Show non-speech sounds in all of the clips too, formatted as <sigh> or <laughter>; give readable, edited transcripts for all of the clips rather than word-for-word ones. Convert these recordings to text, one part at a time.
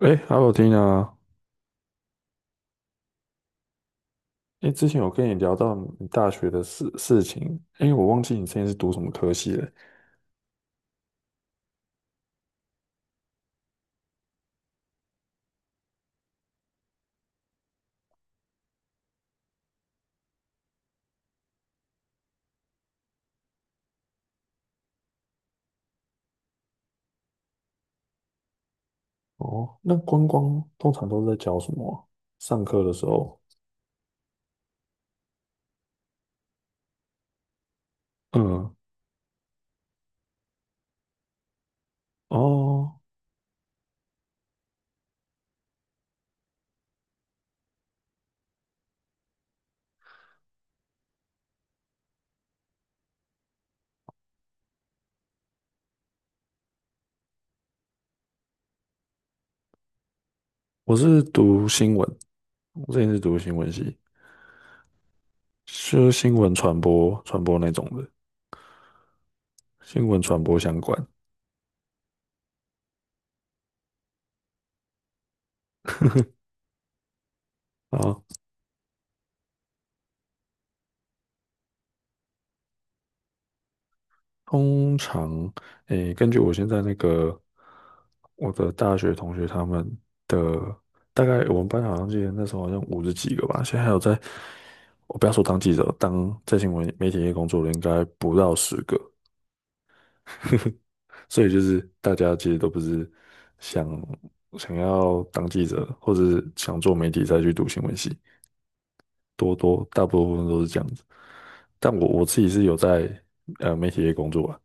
哎好好 l 啊！o t 哎，之前有跟你聊到你大学的事情，哎，我忘记你之前是读什么科系了。哦，那观光通常都是在教什么啊上课的时候，嗯，哦，我是读新闻，我之前是读新闻系，是新闻传播那种的，新闻传播相关。通常，诶，根据我现在那个我的大学同学他们的大概，我们班好像记得那时候好像50几个吧，现在还有在，我不要说当记者，当在新闻媒体业工作的应该不到10个，所以就是大家其实都不是想想要当记者或者是想做媒体再去读新闻系，大部分都是这样子，但我自己是有在媒体业工作啊。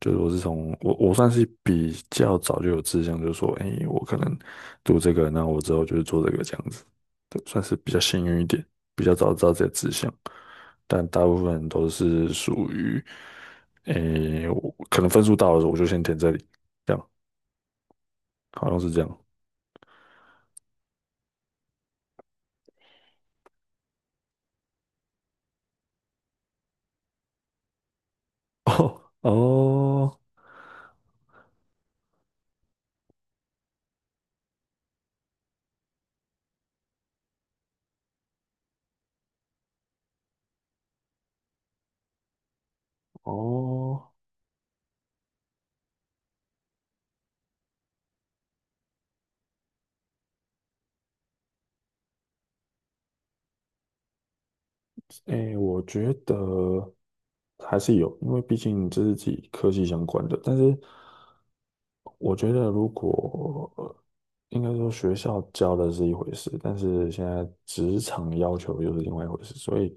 就是我是我算是比较早就有志向，就是说，哎，我可能读这个，那我之后就是做这个这样子，对，算是比较幸运一点，比较早知道这己的志向。但大部分人都是属于，哎，我可能分数到了，我就先填这里，这样好像是这样。<laughs> 哦哦哦，哎，我觉得还是有，因为毕竟这是自己科技相关的，但是，我觉得，应该说学校教的是一回事，但是现在职场要求又是另外一回事，所以，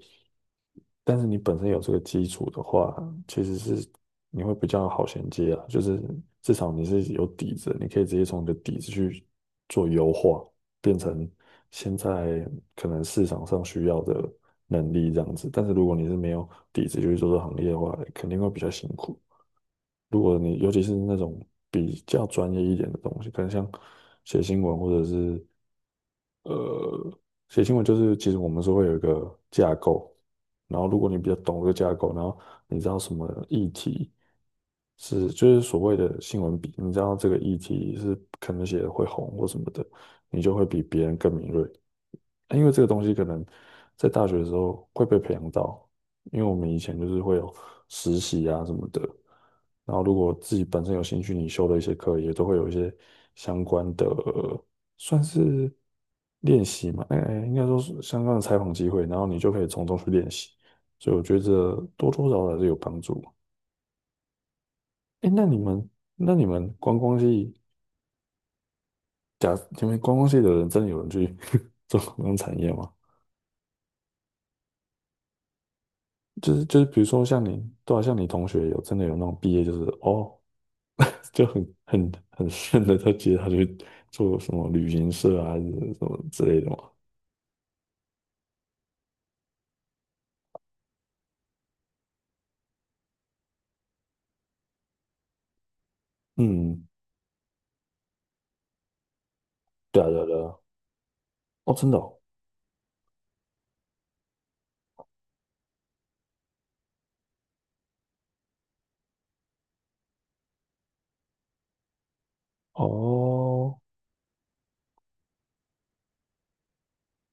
但是你本身有这个基础的话，其实是你会比较好衔接啊，就是至少你是有底子，你可以直接从你的底子去做优化，变成现在可能市场上需要的能力这样子。但是如果你是没有底子就去做这个行业的话，肯定会比较辛苦。如果你尤其是那种比较专业一点的东西，可能像写新闻或者是呃写新闻，就是其实我们是会有一个架构，然后如果你比较懂这个架构，然后你知道什么议题是就是所谓的新闻比，你知道这个议题是可能写的会红或什么的，你就会比别人更敏锐。因为这个东西可能在大学的时候会被培养到，因为我们以前就是会有实习啊什么的，然后如果自己本身有兴趣，你修的一些课也都会有一些相关的，算是练习嘛，哎、哎，应该说是相关的采访机会，然后你就可以从中去练习，所以我觉得多多少少还是有帮助。哎、那你们观光系假你们观光系的人真的有人去 <laughs> 做观光产业吗？就是，比如说像你，对啊，像你同学有真的有那种毕业，就是哦，<laughs> 就很顺的，他去做什么旅行社啊，还是什么之类的嘛。嗯，对啊，对啊，对啊。哦，真的哦，哦，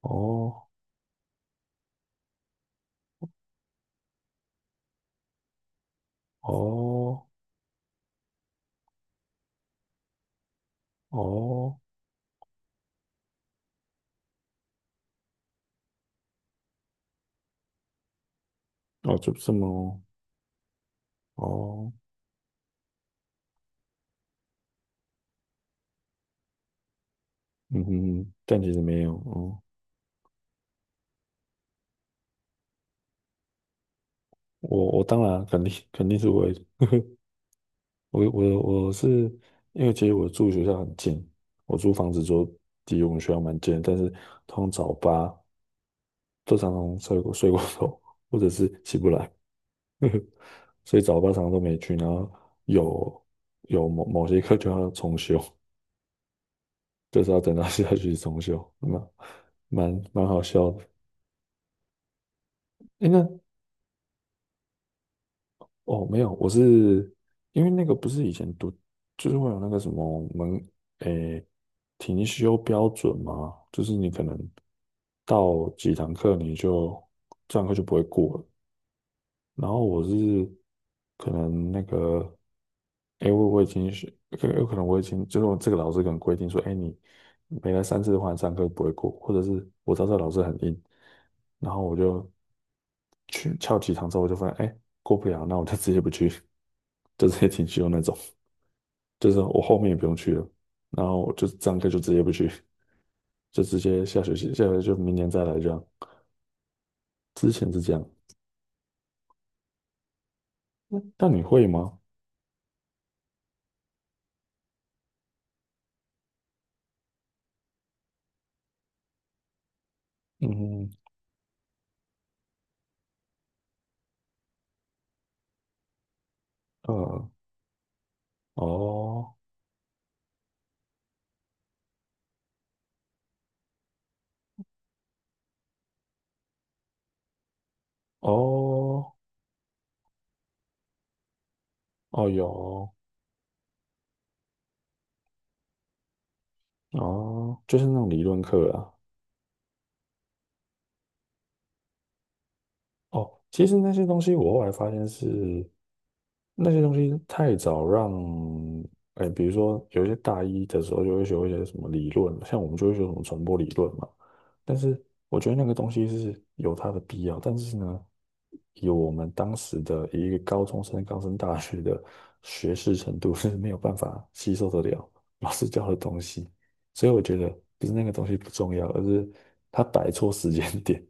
哦，哦，哦，哦，就这么哦，哦，嗯哼，但其实没有，哦，我当然肯定是我。我我我是因为其实我住学校很近，我租房子就离我们学校蛮近的但是通常早八都常常睡过头，或者是起不来，<laughs> 所以早八常常都没去，然后有有某些课就要重修，就是要等到下学期重修，那蛮好笑的。诶，那哦，没有，我是因为那个不是以前读，就是会有那个什么门，诶，停修标准嘛，就是你可能到几堂课你就这堂课就不会过了，然后我是可能那个，哎，我已经是，可能我已经就是我这个老师可能规定说，哎，你没来三次的话，你上课不会过，或者是我知道这个老师很硬，然后我就去翘几堂之后，我就发现，哎，过不了，那我就直接不去，<laughs> 就直接停休那种，就是我后面也不用去了，然后我就上课就直接不去，就直接下学期就明年再来这样，之前是这样，那你会吗？嗯，呃，哦。哦，哦，有哦，哦，就是那种理论课啊。哦，其实那些东西我后来发现是那些东西太早让，哎，比如说有一些大一的时候就会学一些什么理论，像我们就会学什么传播理论嘛。但是我觉得那个东西是有它的必要，但是呢，以我们当时的一个高中生刚升大学的学识程度是没有办法吸收得了老师教的东西，所以我觉得不是那个东西不重要，而是它摆错时间点。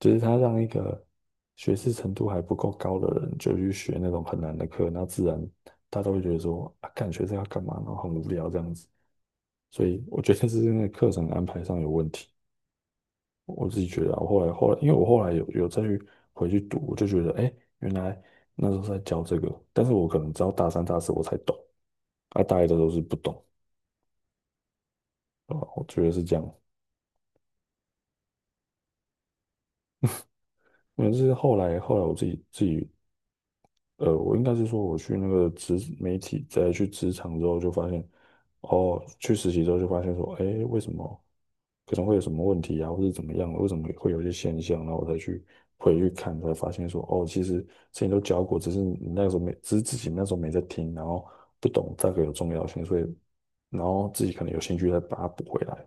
就是他让一个学识程度还不够高的人就去学那种很难的课，那自然大家都会觉得说啊，干学生要干嘛，然后很无聊这样子。所以我觉得是那个课程安排上有问题，我自己觉得啊。我后来，因为我后来有回去读，我就觉得哎，原来那时候在教这个，但是我可能直到大三大四我才懂，啊，大一的时候是不懂，啊，我觉得是这样。因为是后来我自己呃，我应该是说，我去那个职媒体，再去职场之后，就发现，哦，去实习之后就发现说，哎，为什么可能会有什么问题啊，或者怎么样的为什么会有一些现象，然后我才去回去看，才发现说，哦，其实之前都教过，只是自己那时候没在听，然后不懂大概有重要性，所以，然后自己可能有兴趣再把它补回来。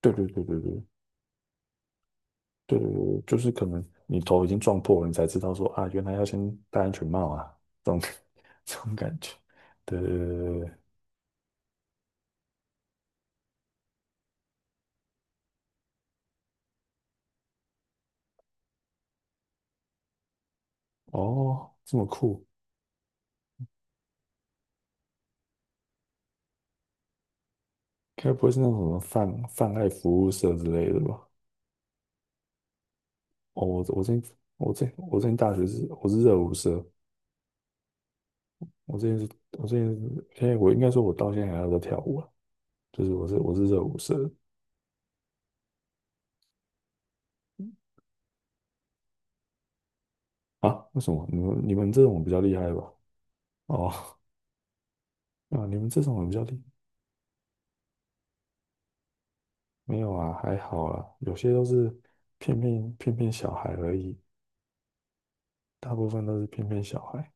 对对对对对，对对对，就是可能你头已经撞破了，你才知道说啊，原来要先戴安全帽啊，这种 <laughs> 这种感觉。对对对对对，哦，这么酷，该不会是那种什么泛爱服务社之类的吧？哦，我之前大学我是热舞社，我之前是我之前是现在我应该说我到现在还有在跳舞啊，就是我是热舞社的啊？为什么你们这种比较厉害吧？哦，<laughs> 啊，你们这种比较厉没有啊，还好啦，有些都是骗骗小孩而已，大部分都是骗骗小孩。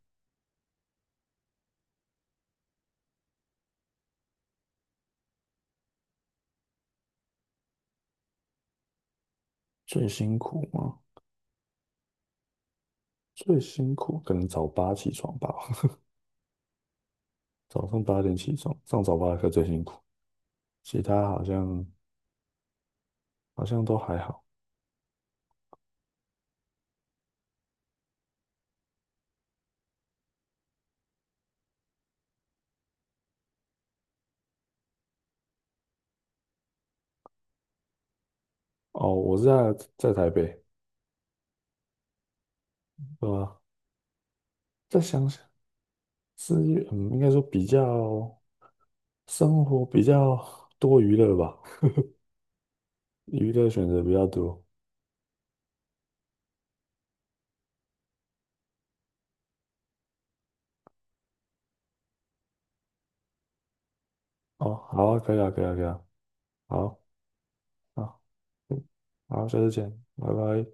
最辛苦吗？最辛苦可能早八起床吧，<laughs> 早上8点起床，上早八的课最辛苦，其他好像好像都还好。哦，我是在在台北，对吧？在乡下是嗯，应该说比较生活比较多娱乐吧，娱乐选择比较多。哦，好啊，可以啊，可以啊，可以啊，好，好，嗯好，下次见，拜拜。